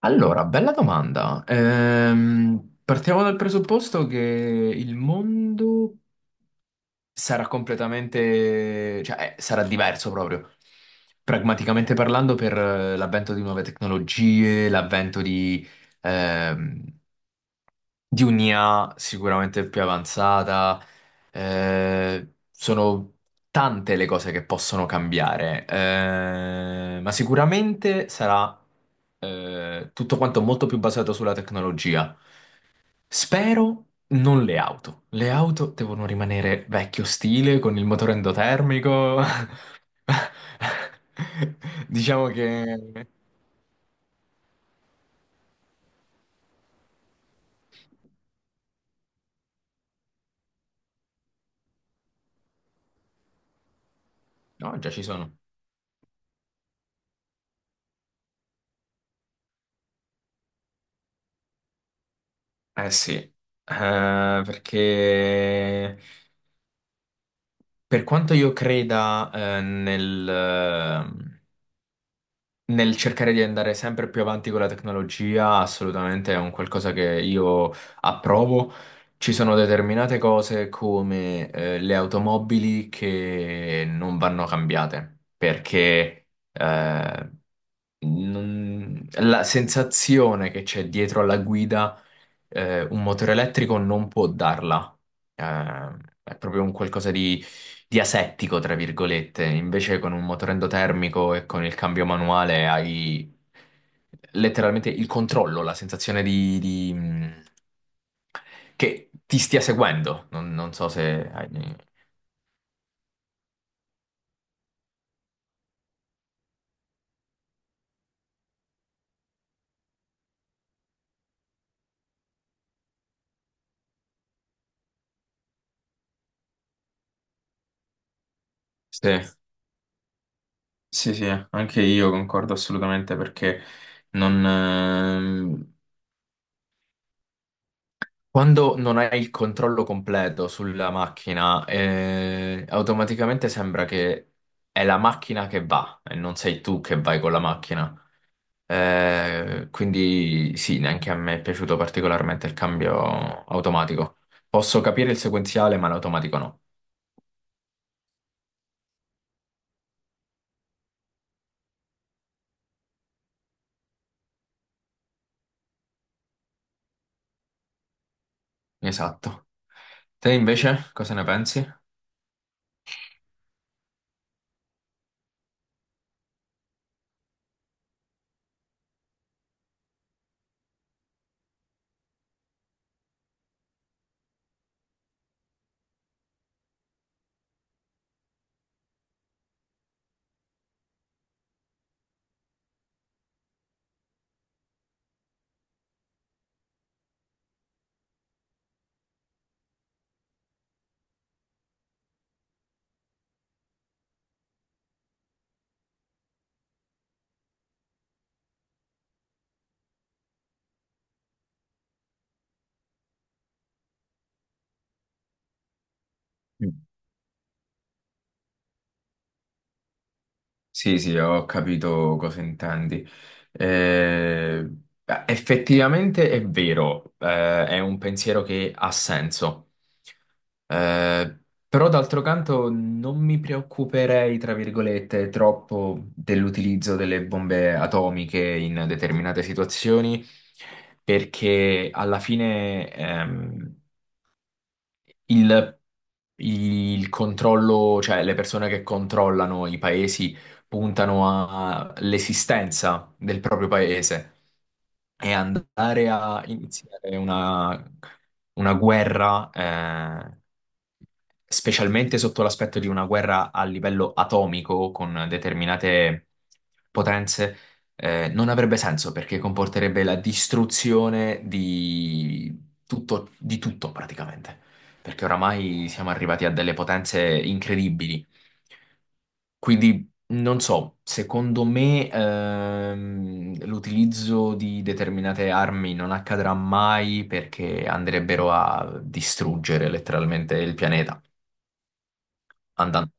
Allora, bella domanda. Partiamo dal presupposto che il mondo sarà completamente, cioè, sarà diverso proprio. Pragmaticamente parlando, per l'avvento di nuove tecnologie, ehm, di un'IA sicuramente più avanzata, sono tante le cose che possono cambiare, ma sicuramente sarà tutto quanto molto più basato sulla tecnologia. Spero non le auto. Le auto devono rimanere vecchio stile, con il motore endotermico. Diciamo che... No, già ci sono. Eh sì. Perché... Per quanto io creda, eh, nel, ehm, nel cercare di andare sempre più avanti con la tecnologia, assolutamente è un qualcosa che io approvo. Ci sono determinate cose come, le automobili che non vanno cambiate, perché, eh, la sensazione che c'è dietro alla guida, un motore elettrico non può darla. Eh, è proprio un qualcosa di asettico, tra virgolette. Invece con un motore endotermico e con il cambio manuale hai letteralmente il controllo, la sensazione che ti stia seguendo. Non so se hai... Sì, sì, sì, anche io concordo assolutamente perché non... Quando non hai il controllo completo sulla macchina, automaticamente sembra che è la macchina che va e non sei tu che vai con la macchina. Quindi sì, neanche a me è piaciuto particolarmente il cambio automatico. Posso capire il sequenziale, ma l'automatico no. Esatto. Te invece cosa ne pensi? Sì, sì, ho capito cosa intendi. Eh, Beh, effettivamente è vero, è un pensiero che ha senso. Eh, Però d'altro canto non mi preoccuperei, tra virgolette, troppo dell'utilizzo delle bombe atomiche in determinate situazioni, perché alla fine, il, il controllo, cioè le persone che controllano i paesi puntano all'esistenza del proprio paese, e andare a iniziare una guerra, specialmente sotto l'aspetto di una guerra a livello atomico con determinate potenze, non avrebbe senso perché comporterebbe la distruzione di tutto praticamente. Perché oramai siamo arrivati a delle potenze incredibili. Quindi non so, secondo me, l'utilizzo di determinate armi non accadrà mai perché andrebbero a distruggere letteralmente il pianeta. Andando.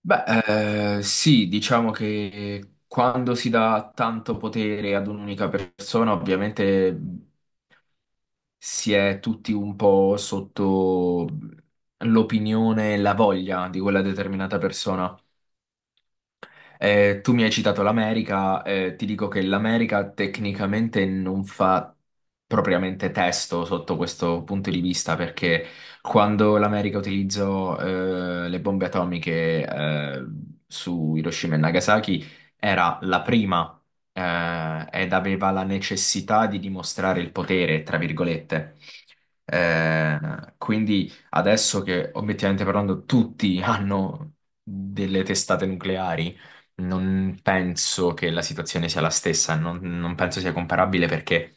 Beh, sì, diciamo che quando si dà tanto potere ad un'unica persona, ovviamente si è tutti un po' sotto l'opinione e la voglia di quella determinata persona. Tu mi hai citato l'America, ti dico che l'America tecnicamente non fa propriamente testo sotto questo punto di vista, perché quando l'America utilizzò le bombe atomiche su Hiroshima e Nagasaki era la prima ed aveva la necessità di dimostrare il potere, tra virgolette. Eh, quindi adesso che obiettivamente parlando tutti hanno delle testate nucleari non penso che la situazione sia la stessa, non penso sia comparabile perché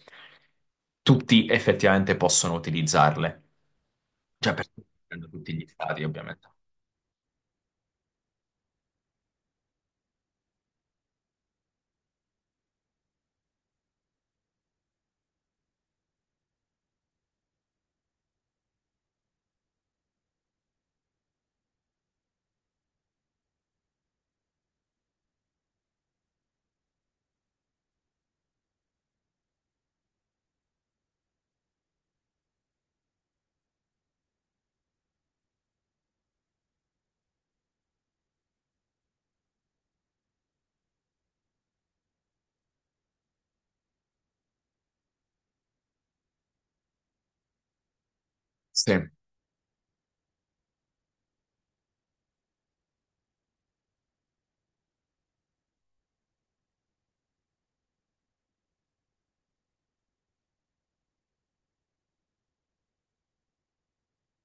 tutti effettivamente possono utilizzarle. Cioè, per tutti gli stati, ovviamente. Sì.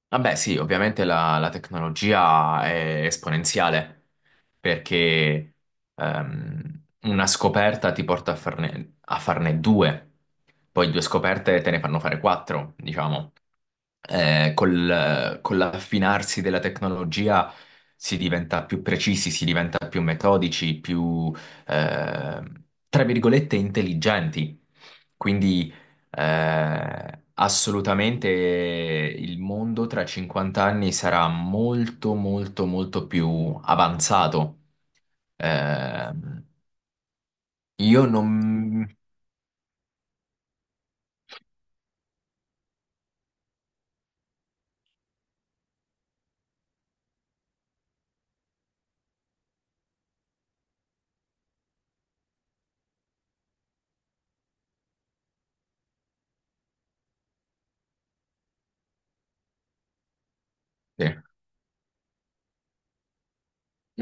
Vabbè, sì, ovviamente la, la tecnologia è esponenziale perché una scoperta ti porta a a farne due, poi due scoperte te ne fanno fare quattro, diciamo. Col con l'affinarsi della tecnologia si diventa più precisi, si diventa più metodici, più, eh, tra virgolette, intelligenti. Quindi, assolutamente il mondo tra 50 anni sarà molto, molto, molto più avanzato. Eh, io non... Sì.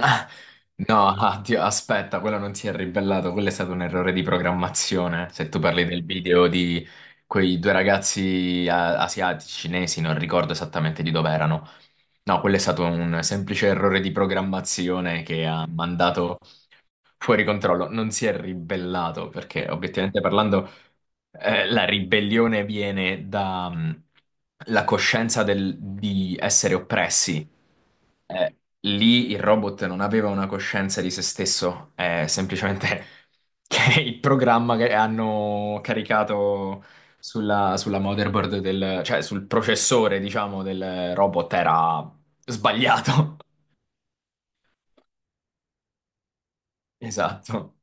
Ah, no, ah, Dio, aspetta, quello non si è ribellato, quello è stato un errore di programmazione. Se tu parli del video di quei due ragazzi asiatici, cinesi, non ricordo esattamente di dove erano. No, quello è stato un semplice errore di programmazione che ha mandato fuori controllo, non si è ribellato perché obiettivamente parlando la ribellione viene dalla coscienza di essere oppressi. Lì il robot non aveva una coscienza di se stesso, è semplicemente che il programma che hanno caricato sulla, sulla motherboard del, cioè sul processore, diciamo, del robot era sbagliato. Esatto.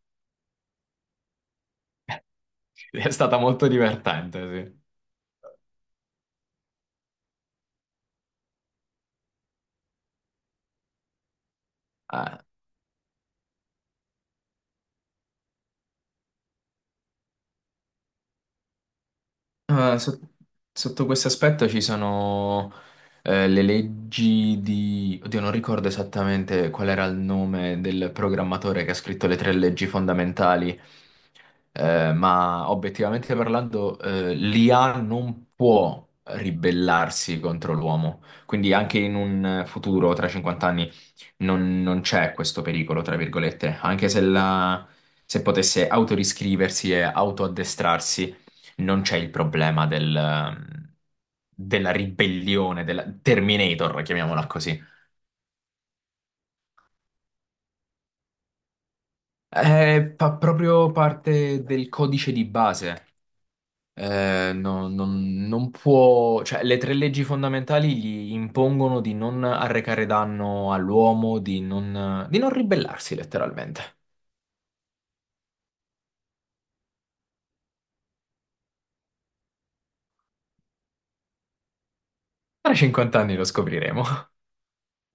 È stata molto divertente, sì. Ah, ah, sotto questo aspetto ci sono le leggi di... Oddio, non ricordo esattamente qual era il nome del programmatore che ha scritto le tre leggi fondamentali, ma obiettivamente parlando, l'IA non può ribellarsi contro l'uomo. Quindi anche in un futuro, tra 50 anni, non c'è questo pericolo, tra virgolette, anche se, se potesse autoriscriversi e autoaddestrarsi, non c'è il problema della ribellione, della Terminator, chiamiamola così. È fa proprio parte del codice di base. Non può, cioè, le tre leggi fondamentali gli impongono di non arrecare danno all'uomo, di non ribellarsi letteralmente. Tra 50 anni lo scopriremo.